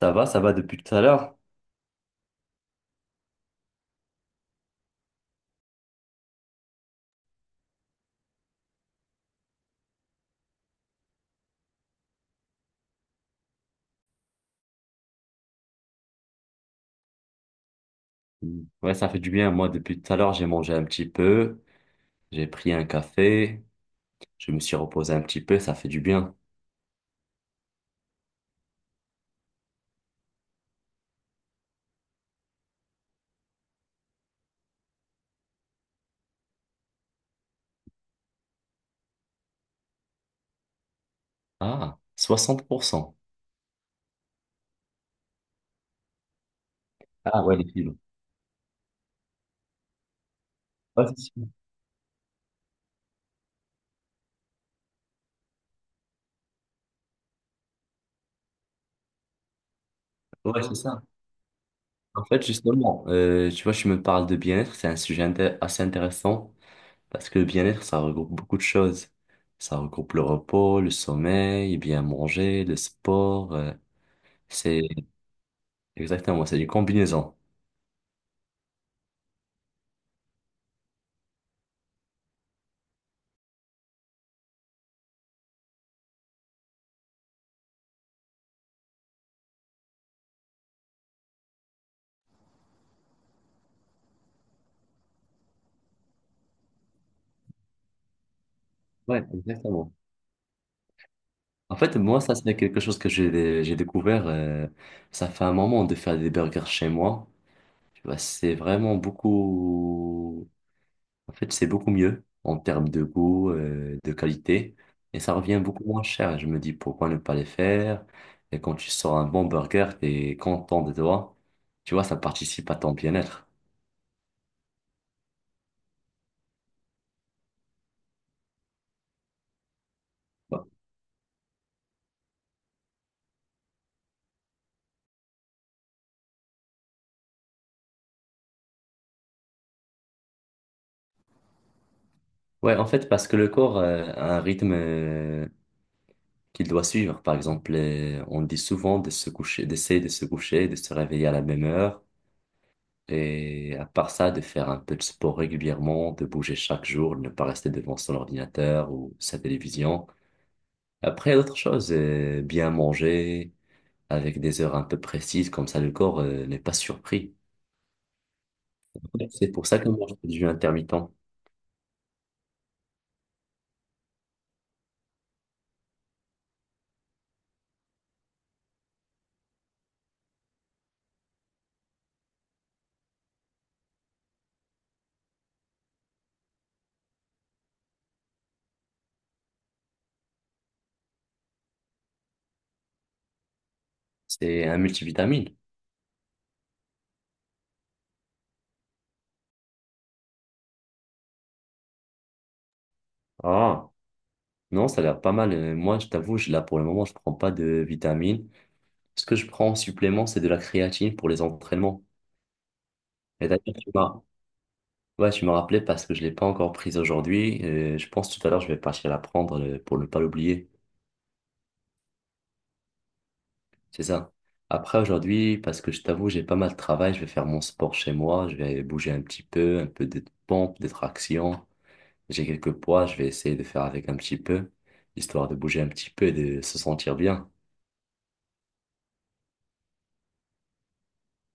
Ça va depuis tout à l'heure? Ouais, ça fait du bien. Moi, depuis tout à l'heure, j'ai mangé un petit peu, j'ai pris un café, je me suis reposé un petit peu, ça fait du bien. Ah, 60%. Ah ouais, les fibres. Ouais, c'est sûr. Ouais, c'est ça. En fait, justement, tu vois, je me parle de bien-être, c'est un sujet assez intéressant parce que le bien-être, ça regroupe beaucoup de choses. Ça regroupe le repos, le sommeil, bien manger, le sport. C'est Exactement, c'est une combinaison. Ouais, exactement. En fait, moi, ça, c'est quelque chose que j'ai découvert. Ça fait un moment de faire des burgers chez moi. Tu vois, c'est vraiment beaucoup. En fait, c'est beaucoup mieux en termes de goût, de qualité. Et ça revient beaucoup moins cher. Je me dis pourquoi ne pas les faire. Et quand tu sors un bon burger, t'es content de toi. Tu vois, ça participe à ton bien-être. Ouais, en fait, parce que le corps a un rythme qu'il doit suivre. Par exemple, on dit souvent de se coucher, d'essayer de se coucher, de se réveiller à la même heure. Et à part ça, de faire un peu de sport régulièrement, de bouger chaque jour, de ne pas rester devant son ordinateur ou sa télévision. Après, il y a d'autres choses, bien manger avec des heures un peu précises, comme ça le corps, n'est pas surpris. C'est pour ça que moi, je fais du jeûne intermittent. C'est un multivitamine. Ah, non, ça a l'air pas mal. Moi, je t'avoue, là, pour le moment, je prends pas de vitamines. Ce que je prends en supplément, c'est de la créatine pour les entraînements. Et d'ailleurs, tu m'as rappelé parce que je ne l'ai pas encore prise aujourd'hui. Je pense tout à l'heure, je vais partir la prendre pour ne pas l'oublier. C'est ça. Après, aujourd'hui, parce que je t'avoue, j'ai pas mal de travail, je vais faire mon sport chez moi, je vais bouger un petit peu, un peu de pompes, des tractions. J'ai quelques poids, je vais essayer de faire avec un petit peu, histoire de bouger un petit peu et de se sentir bien.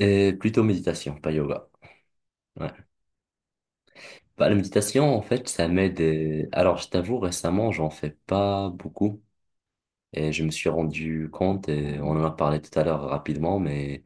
Et plutôt méditation, pas yoga. Ouais. Bah, la méditation, en fait, ça m'aide. Alors, je t'avoue, récemment, j'en fais pas beaucoup. Et je me suis rendu compte, et on en a parlé tout à l'heure rapidement, mais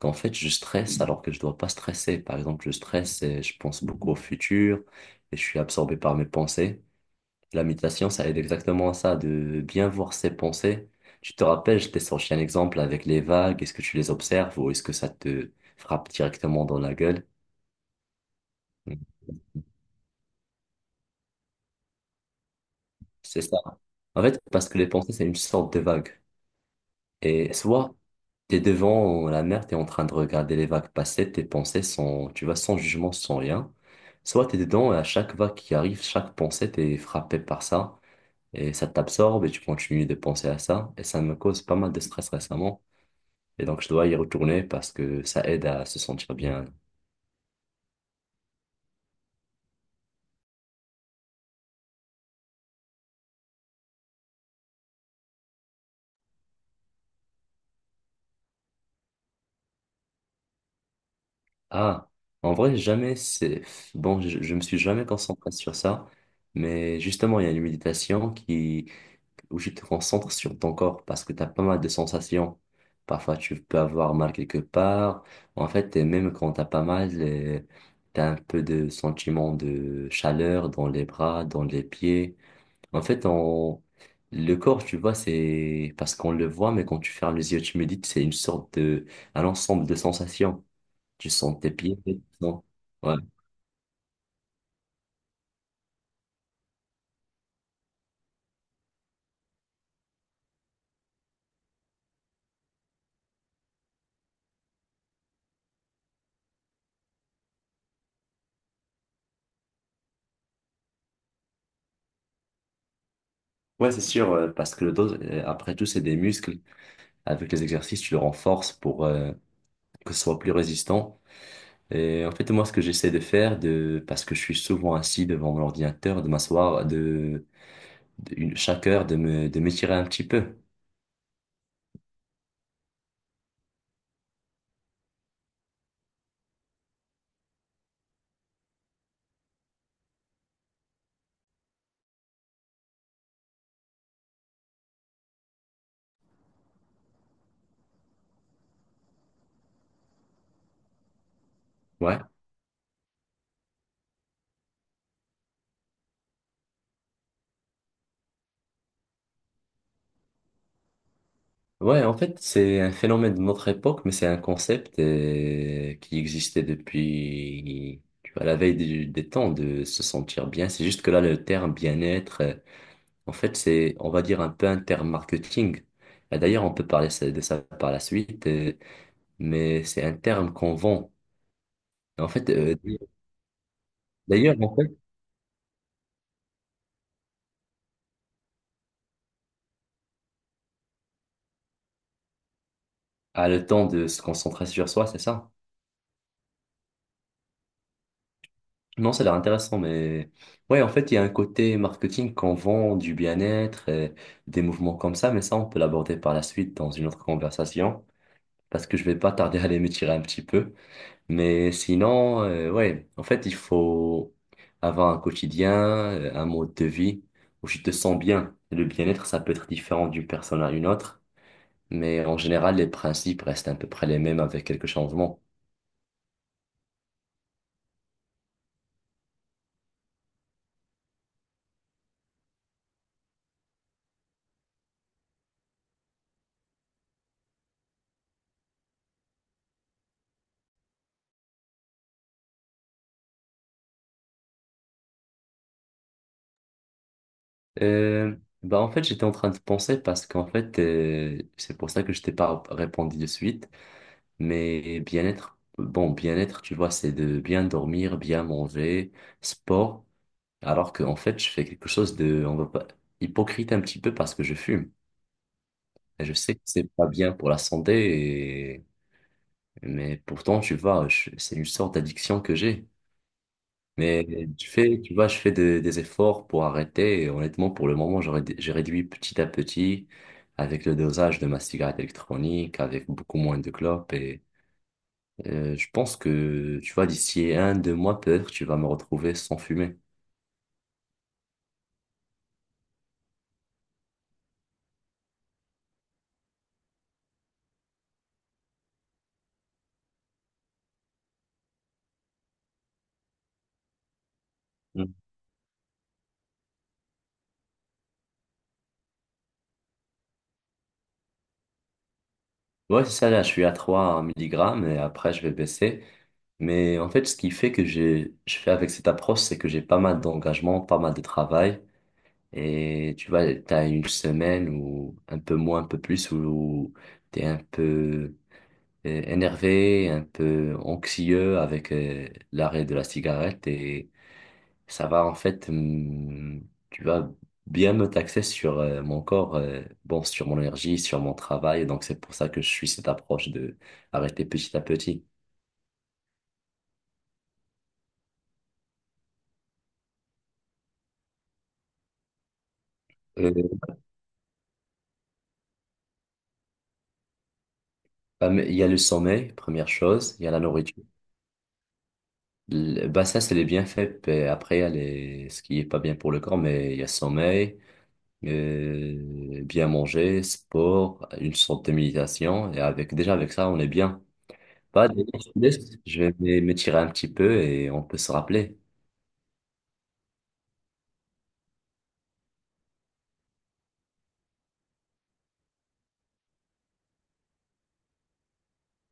qu'en fait, je stresse alors que je dois pas stresser. Par exemple, je stresse et je pense beaucoup au futur et je suis absorbé par mes pensées. La méditation, ça aide exactement à ça, de bien voir ses pensées. Tu te rappelles, je t'ai sorti un exemple avec les vagues. Est-ce que tu les observes ou est-ce que ça te frappe directement dans la gueule? C'est ça. En fait, parce que les pensées, c'est une sorte de vague. Et soit t'es devant la mer, t'es en train de regarder les vagues passer, tes pensées sont, tu vois, sans jugement, sans rien. Soit t'es dedans et à chaque vague qui arrive, chaque pensée, t'es frappé par ça et ça t'absorbe et tu continues de penser à ça. Et ça me cause pas mal de stress récemment. Et donc je dois y retourner parce que ça aide à se sentir bien. Ah, en vrai, jamais c'est... Bon, je me suis jamais concentré sur ça. Mais justement, il y a une méditation qui où tu te concentres sur ton corps parce que tu as pas mal de sensations. Parfois, tu peux avoir mal quelque part. En fait, et même quand tu as pas mal, tu as un peu de sentiment de chaleur dans les bras, dans les pieds. En fait, on... le corps, tu vois, c'est parce qu'on le voit, mais quand tu fermes les yeux, tu médites, c'est une sorte de... un ensemble de sensations. Tu sens tes pieds, Ouais, ouais c'est sûr, parce que le dos, après tout, c'est des muscles. Avec les exercices, tu le renforces pour... que ce soit plus résistant. Et en fait, moi, ce que j'essaie de faire, parce que je suis souvent assis devant mon ordinateur, de m'asseoir, de- une, chaque heure, de m'étirer un petit peu. Ouais. Ouais, en fait, c'est un phénomène de notre époque, mais c'est un concept qui existait depuis, tu vois, la veille des temps, de se sentir bien. C'est juste que là, le terme bien-être, en fait, c'est, on va dire, un peu un terme marketing. Et d'ailleurs, on peut parler de ça par la suite. Mais c'est un terme qu'on vend. Et en fait, d'ailleurs, en fait, a le temps de se concentrer sur soi, c'est ça. Non, ça a l'air intéressant, mais ouais, en fait, il y a un côté marketing qu'on vend du bien-être et des mouvements comme ça, mais ça, on peut l'aborder par la suite dans une autre conversation, parce que je vais pas tarder à aller me tirer un petit peu. Mais sinon, ouais, en fait, il faut avoir un quotidien, un mode de vie où tu te sens bien. Le bien-être, ça peut être différent d'une personne à une autre. Mais en général, les principes restent à peu près les mêmes avec quelques changements. Euh, Bah en fait, j'étais en train de penser parce qu'en fait, c'est pour ça que je t'ai pas répondu de suite. Mais bien-être, bon, bien-être, tu vois, c'est de bien dormir, bien manger, sport. Alors qu'en fait, je fais quelque chose de, on va pas, hypocrite un petit peu parce que je fume. Et je sais que c'est pas bien pour la santé, mais pourtant, tu vois, c'est une sorte d'addiction que j'ai. Mais tu fais, tu vois, je fais des efforts pour arrêter. Et honnêtement, pour le moment, j'ai réduit petit à petit avec le dosage de ma cigarette électronique, avec beaucoup moins de clopes. Et je pense que, tu vois, d'ici un, 2 mois, peut-être, tu vas me retrouver sans fumer. Mm. Ouais, c'est ça, là, je suis à 3 milligrammes et après, je vais baisser. Mais en fait, ce qui fait que j'ai, je fais avec cette approche, c'est que j'ai pas mal d'engagement, pas mal de travail. Et tu vois, t'as une semaine ou un peu moins, un peu plus, où t'es un peu énervé, un peu anxieux avec l'arrêt de la cigarette et ça va en fait, tu vas bien me taxer sur mon corps, bon, sur mon énergie, sur mon travail. Donc c'est pour ça que je suis cette approche de arrêter petit à petit. Euh, Bah, mais il y a le sommeil, première chose, il y a la nourriture. Bah ça, c'est les bienfaits. Puis après, il y a les... ce qui est pas bien pour le corps, mais il y a sommeil, bien manger, sport, une sorte de méditation. Et avec déjà avec ça, on est bien. Bah, d'ailleurs, je te laisse. Je vais m'étirer un petit peu et on peut se rappeler.